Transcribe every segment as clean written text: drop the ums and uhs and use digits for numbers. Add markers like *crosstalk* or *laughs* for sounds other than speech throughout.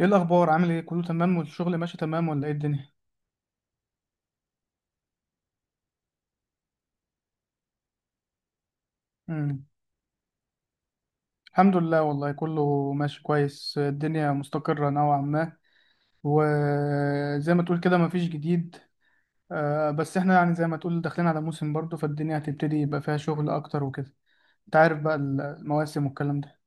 ايه الاخبار؟ عامل ايه؟ كله تمام والشغل ماشي تمام ولا ايه الدنيا؟ امم الحمد لله، والله كله ماشي كويس، الدنيا مستقرة نوعا ما. وزي ما تقول كده، مفيش جديد. بس احنا يعني زي ما تقول داخلين على موسم برضه، فالدنيا هتبتدي يبقى فيها شغل اكتر وكده. انت عارف بقى المواسم والكلام ده.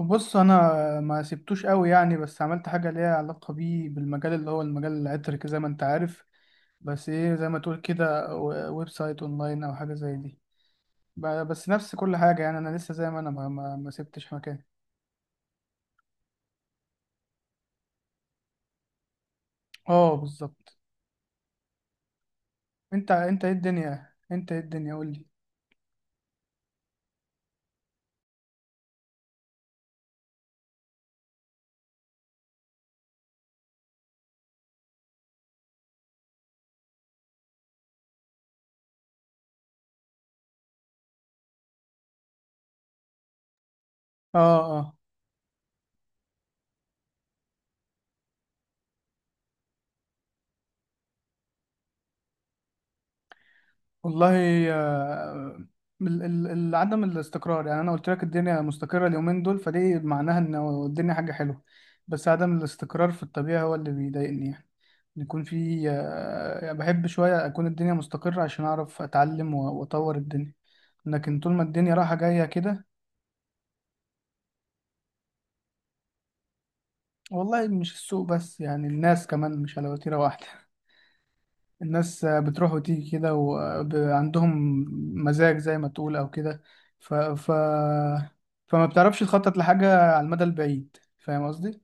بص انا ما سبتوش قوي يعني، بس عملت حاجه ليها علاقه بيه بالمجال اللي هو المجال العطري زي ما انت عارف. بس ايه، زي ما تقول كده، ويب سايت اونلاين او حاجه زي دي. بس نفس كل حاجة، يعني أنا لسه زي ما أنا، ما سبتش مكان. اه بالظبط. أنت إيه الدنيا، قول لي. اه، اه. والله، آه، عدم الاستقرار. يعني أنا قلت لك الدنيا مستقرة اليومين دول، فدي معناها إن الدنيا حاجة حلوة، بس عدم الاستقرار في الطبيعة هو اللي بيضايقني يعني. إن يكون في يعني بحب شوية أكون الدنيا مستقرة عشان أعرف أتعلم وأطور الدنيا، لكن طول ما الدنيا رايحة جاية كده. والله مش السوق بس، يعني الناس كمان مش على وتيرة واحدة. *laughs* الناس بتروح وتيجي كده، وعندهم مزاج زي ما تقول أو كده. ف... ف... فما بتعرفش تخطط لحاجة على المدى البعيد. فاهم قصدي؟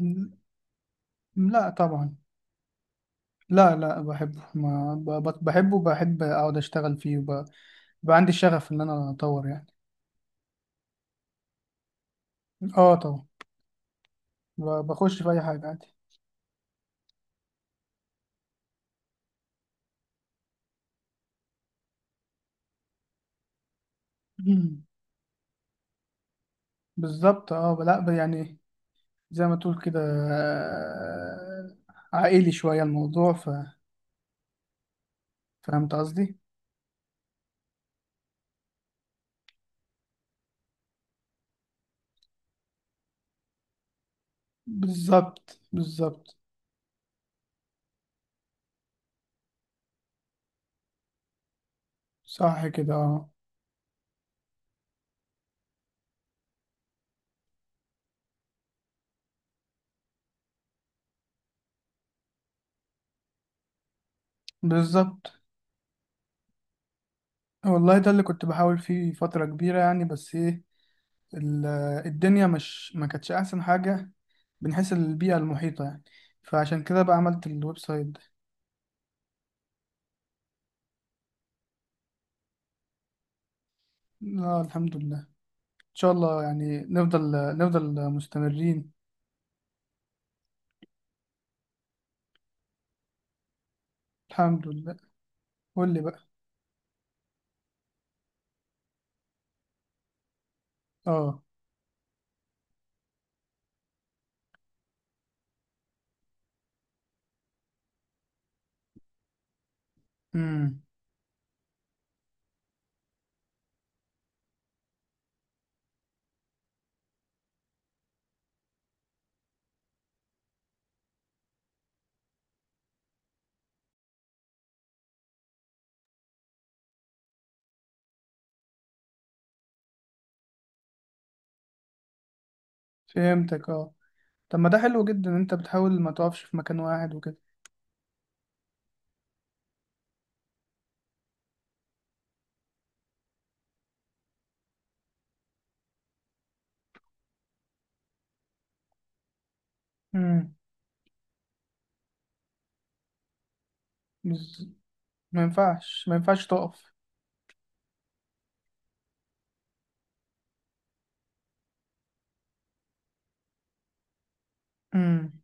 م- لا طبعا. لا، لا، بحبه، ما ب... ب- بحبه وبحب أقعد أشتغل فيه، بقى عندي الشغف إن أنا أطور يعني. اه طبعا. بخش في أي حاجة عادي. *laughs* بالظبط، اه. لا يعني، زي ما تقول كده، آه، عائلي شوية الموضوع. فهمت قصدي؟ بالظبط، بالظبط. صح كده، اه. بالظبط. والله ده اللي كنت بحاول فيه فترة كبيرة يعني، بس ايه، ال- الدنيا مش، ما كانتش أحسن حاجة من حيث البيئة المحيطة يعني، فعشان كده بقى عملت الويب سايت ده. لا الحمد لله، إن شاء الله يعني نفضل مستمرين. الحمد لله. قول لي بقى. اه. امم فهمتك، اه. طب ما ده حلو جدا إن انت بتحاول ما تقفش في مكان واحد وكده. امم بز... ما ينفعش تقف. امم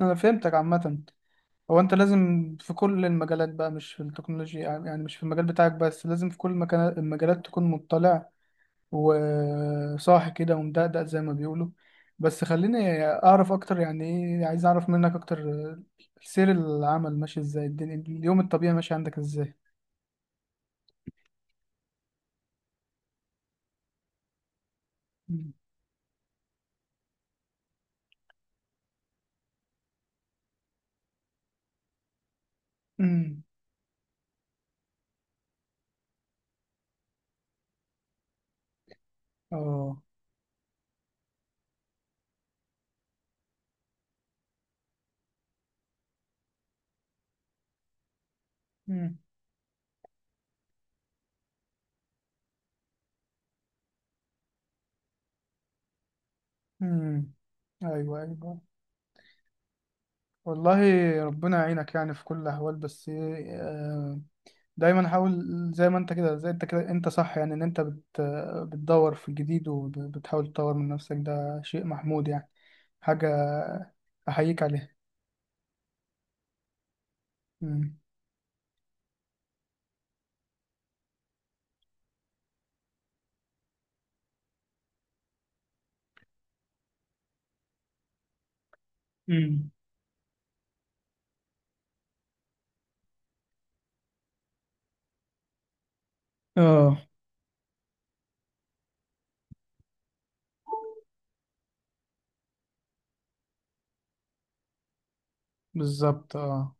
انا فهمتك عامة. هو انت لازم في كل المجالات بقى، مش في التكنولوجيا يعني، مش في المجال بتاعك بس، لازم في كل المجالات تكون مطلع وصاحي كده ومدقدق زي ما بيقولوا. بس خليني اعرف اكتر، يعني ايه، عايز اعرف منك اكتر. سير العمل ماشي ازاي؟ الدنيا اليوم الطبيعي ماشي عندك ازاي؟ امم امم اه امم ايوه، ايوه. والله ربنا يعينك يعني في كل الاحوال، بس إيه، آه، دايما حاول. زي ما انت كده زي انت كده، انت صح يعني، ان انت بتدور في الجديد وبتحاول تطور من نفسك، ده شيء محمود يعني. حاجة احييك عليها. امم امم اه. بالظبط، اه.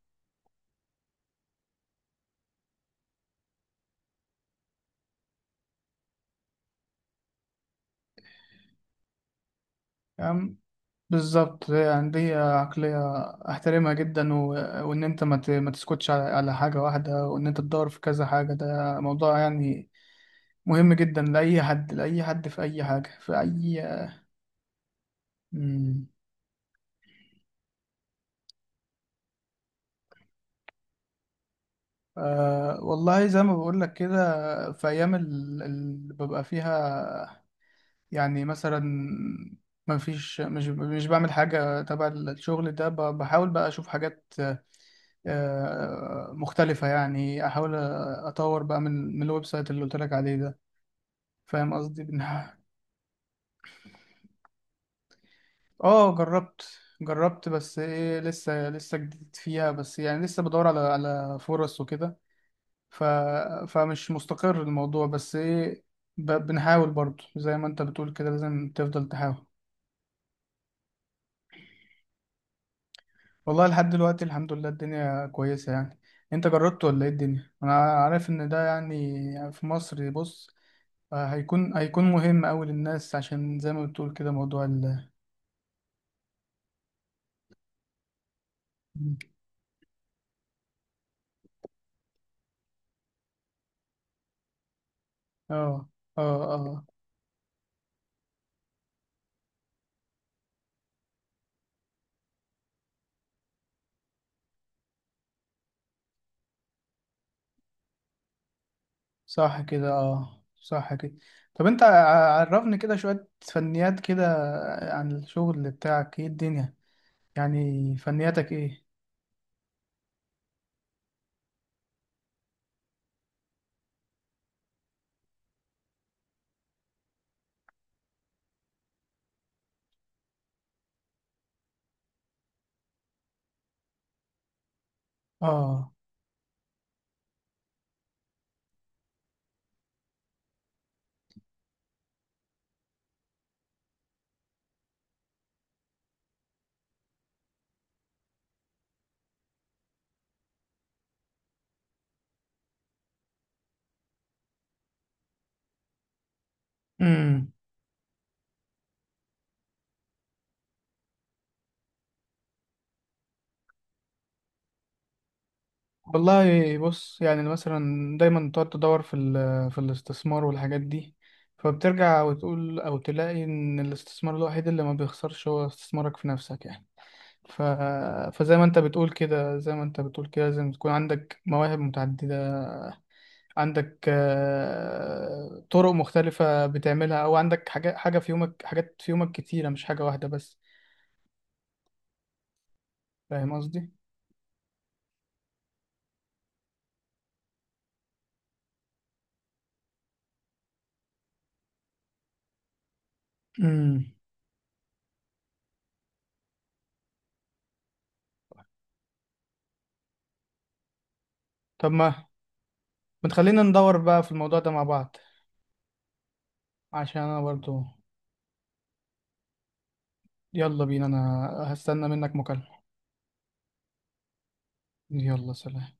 بالظبط يعني، دي عقلية أحترمها جدا، وإن أنت ما تسكتش على حاجة واحدة، وإن أنت تدور في كذا حاجة، ده موضوع يعني مهم جدا لأي حد، لأي حد في أي حاجة، في أي مم. والله زي ما بقول لك كده، في أيام اللي ببقى فيها يعني مثلا ما فيش، مش بعمل حاجة تبع الشغل ده، بحاول بقى أشوف حاجات مختلفة يعني، أحاول أطور بقى من الويب سايت اللي قلت لك عليه ده. فاهم قصدي بنها؟ *laughs* اه جربت. جربت، بس ايه لسه جديد فيها، بس يعني لسه بدور على فرص وكده. ف فمش مستقر الموضوع، بس ايه بنحاول برضه زي ما انت بتقول كده، لازم تفضل تحاول. والله لحد دلوقتي الحمد لله الدنيا كويسة يعني. انت جربت ولا ايه الدنيا؟ انا عارف ان ده يعني في مصر. بص هيكون مهم أوي للناس، عشان زي ما بتقول كده، موضوع اه، اه، اه، صح كده، اه، صح كده. طب انت عرفني كده شوية فنيات كده عن الشغل بتاعك. ايه الدنيا، يعني فنياتك ايه؟ اه والله بص، يعني مثلا، دايما بتقعد تدور في في الاستثمار والحاجات دي، فبترجع وتقول او تلاقي ان الاستثمار الوحيد اللي ما بيخسرش هو استثمارك في نفسك يعني. ف... فزي ما انت بتقول كده زي ما انت بتقول كده لازم تكون عندك مواهب متعددة، عندك طرق مختلفة بتعملها، او عندك حاجة حاجة في يومك حاجات في يومك كتيرة، مش حاجة واحدة بس. فاهم قصدي؟ امم طب ما بتخلينا ندور بقى في الموضوع ده مع بعض، عشان انا برضو. يلا بينا، انا هستنى منك مكالمة. يلا سلام.